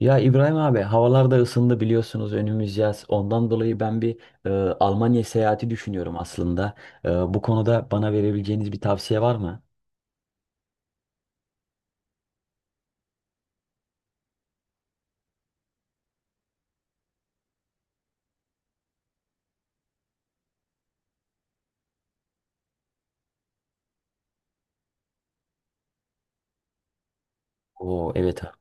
Ya İbrahim abi havalar da ısındı biliyorsunuz önümüz yaz. Ondan dolayı ben e, Almanya seyahati düşünüyorum aslında. Bu konuda bana verebileceğiniz bir tavsiye var mı? Oo evet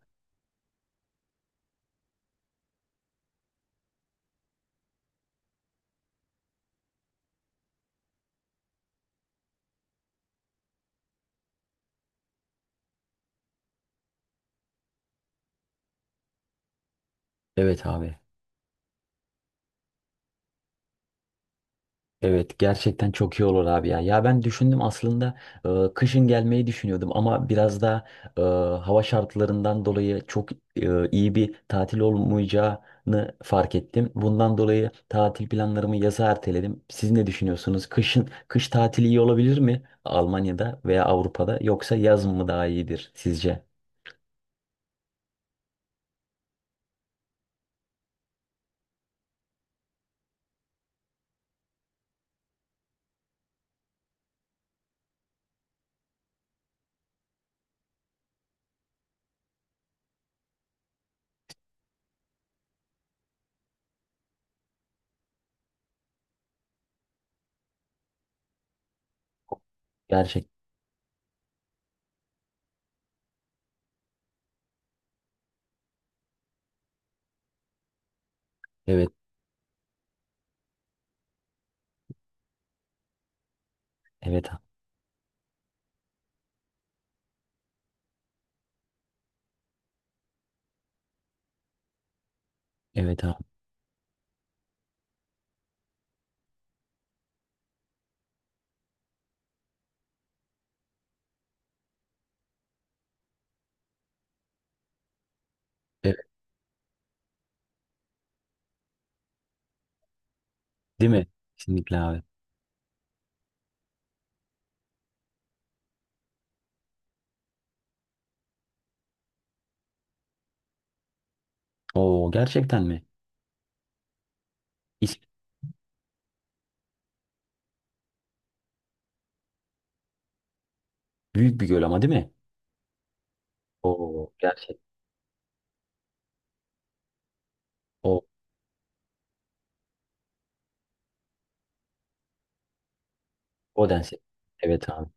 evet abi. Evet gerçekten çok iyi olur abi ya. Ya ben düşündüm aslında kışın gelmeyi düşünüyordum ama biraz da e, hava şartlarından dolayı çok iyi bir tatil olmayacağını fark ettim. Bundan dolayı tatil planlarımı yaza erteledim. Siz ne düşünüyorsunuz? Kışın kış tatili iyi olabilir mi Almanya'da veya Avrupa'da yoksa yaz mı daha iyidir sizce? Gerçek. Evet, evet abi. Evet abi. Evet, değil mi? Kesinlikle abi. Oo gerçekten mi? İs- Büyük bir göl ama değil mi? O gerçek o o dense. Evet abi.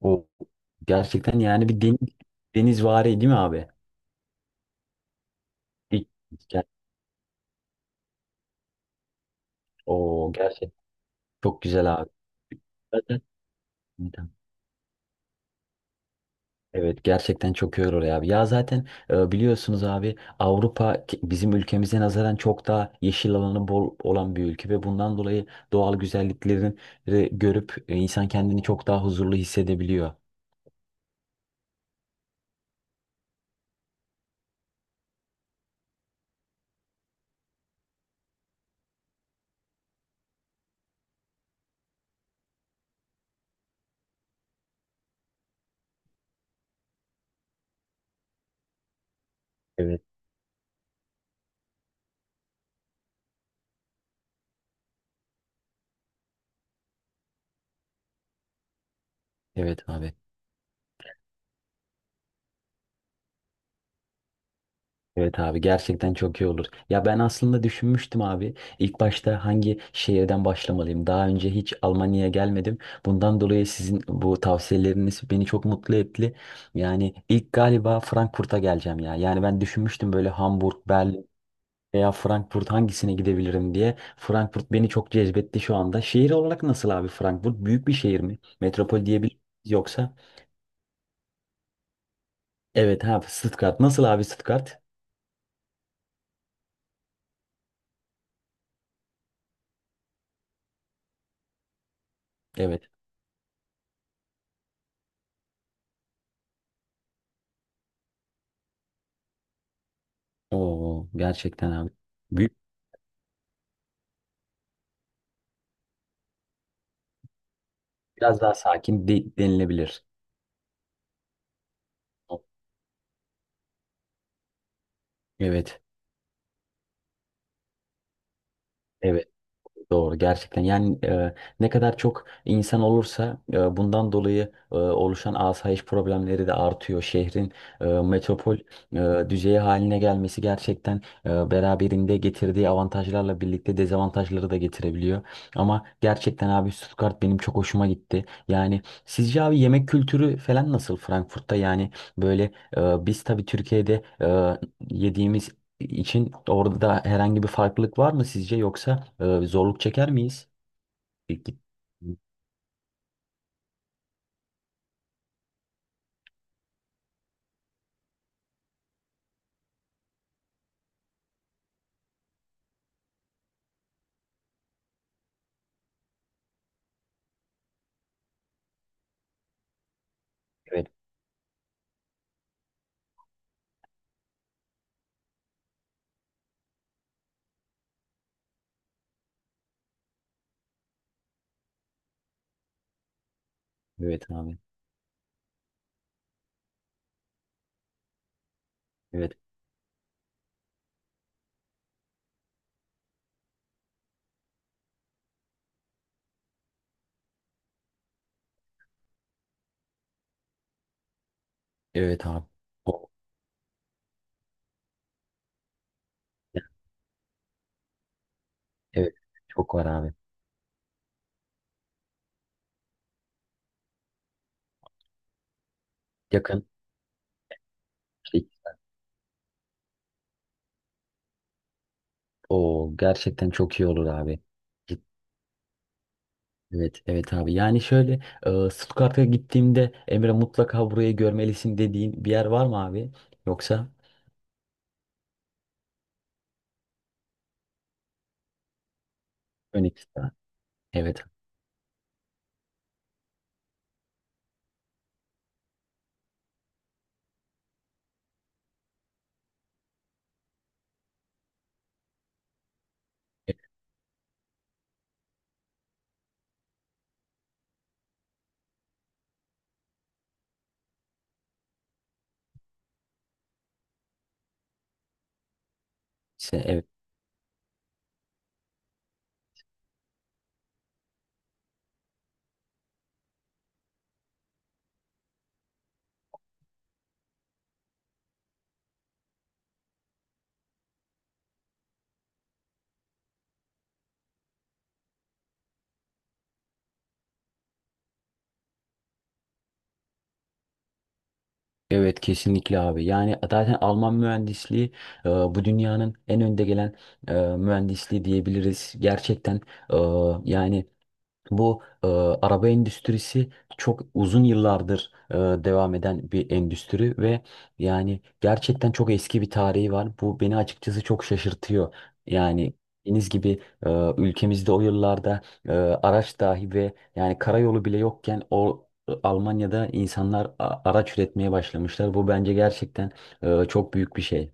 O gerçekten yani bir deniz denizvari değil mi abi? Bir, ger- o gerçek çok güzel abi. Zaten- Evet gerçekten çok iyi olur abi. Ya zaten biliyorsunuz abi Avrupa bizim ülkemize nazaran çok daha yeşil alanı bol olan bir ülke ve bundan dolayı doğal güzelliklerini görüp insan kendini çok daha huzurlu hissedebiliyor. Evet. Evet abi. Evet abi gerçekten çok iyi olur. Ya ben aslında düşünmüştüm abi. İlk başta hangi şehirden başlamalıyım? Daha önce hiç Almanya'ya gelmedim. Bundan dolayı sizin bu tavsiyeleriniz beni çok mutlu etti. Yani ilk galiba Frankfurt'a geleceğim ya. Yani ben düşünmüştüm böyle Hamburg, Berlin veya Frankfurt hangisine gidebilirim diye. Frankfurt beni çok cezbetti şu anda. Şehir olarak nasıl abi Frankfurt? Büyük bir şehir mi? Metropol diyebilir miyiz yoksa? Evet abi Stuttgart. Nasıl abi Stuttgart? Evet. Oo gerçekten abi. Biraz daha sakin denilebilir. Evet, evet doğru gerçekten. Yani ne kadar çok insan olursa bundan dolayı oluşan asayiş problemleri de artıyor. Şehrin metropol düzeyi haline gelmesi gerçekten beraberinde getirdiği avantajlarla birlikte dezavantajları da getirebiliyor. Ama gerçekten abi Stuttgart benim çok hoşuma gitti. Yani sizce abi yemek kültürü falan nasıl Frankfurt'ta? Yani böyle biz tabii Türkiye'de yediğimiz için orada da herhangi bir farklılık var mı sizce yoksa zorluk çeker miyiz? Peki. Evet, evet abi. Evet, evet abi. O- Evet, çok var abi. Yakın. şey, O gerçekten çok iyi olur abi. Evet, evet abi. Yani şöyle Stuttgart'a gittiğimde Emre mutlaka burayı görmelisin dediğin bir yer var mı abi? Yoksa Phoenix'ta. Evet. Evet. İşte, evet. Evet kesinlikle abi. Yani zaten Alman mühendisliği bu dünyanın en önde gelen mühendisliği diyebiliriz. Gerçekten e, yani bu araba endüstrisi çok uzun yıllardır devam eden bir endüstri ve yani gerçekten çok eski bir tarihi var. Bu beni açıkçası çok şaşırtıyor. Yani dediğiniz gibi ülkemizde o yıllarda araç dahi ve yani karayolu bile yokken Almanya'da insanlar araç üretmeye başlamışlar. Bu bence gerçekten çok büyük bir şey.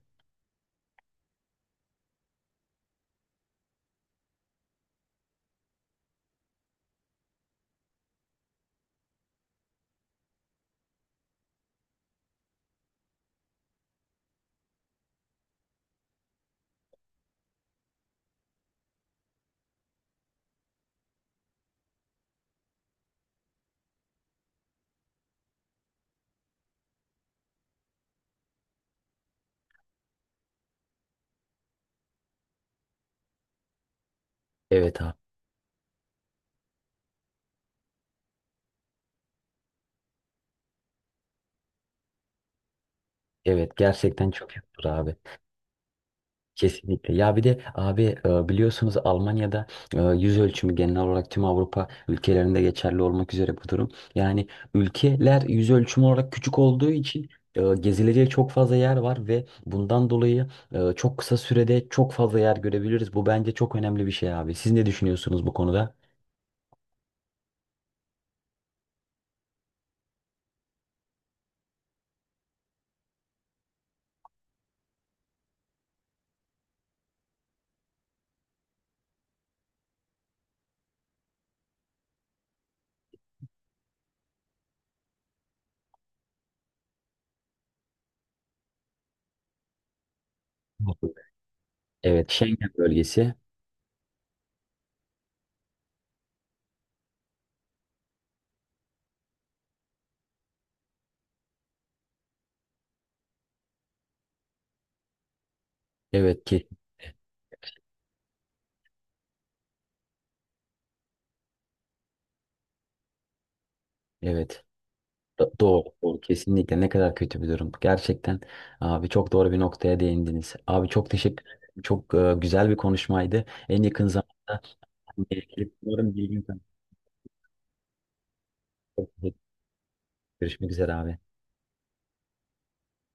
Evet abi. Evet gerçekten çok büyüktür abi. Kesinlikle. Ya bir de abi biliyorsunuz Almanya'da yüz ölçümü genel olarak tüm Avrupa ülkelerinde geçerli olmak üzere bu durum. Yani ülkeler yüz ölçümü olarak küçük olduğu için gezilecek çok fazla yer var ve bundan dolayı çok kısa sürede çok fazla yer görebiliriz. Bu bence çok önemli bir şey abi. Siz ne düşünüyorsunuz bu konuda? Mutlaka. Evet, Schengen bölgesi. Evet ki evet. Doğru. Kesinlikle ne kadar kötü bir durum. Gerçekten abi çok doğru bir noktaya değindiniz. Abi çok teşekkür ederim. Çok güzel bir konuşmaydı. En yakın zamanda umarım bir gün görüşmek üzere abi.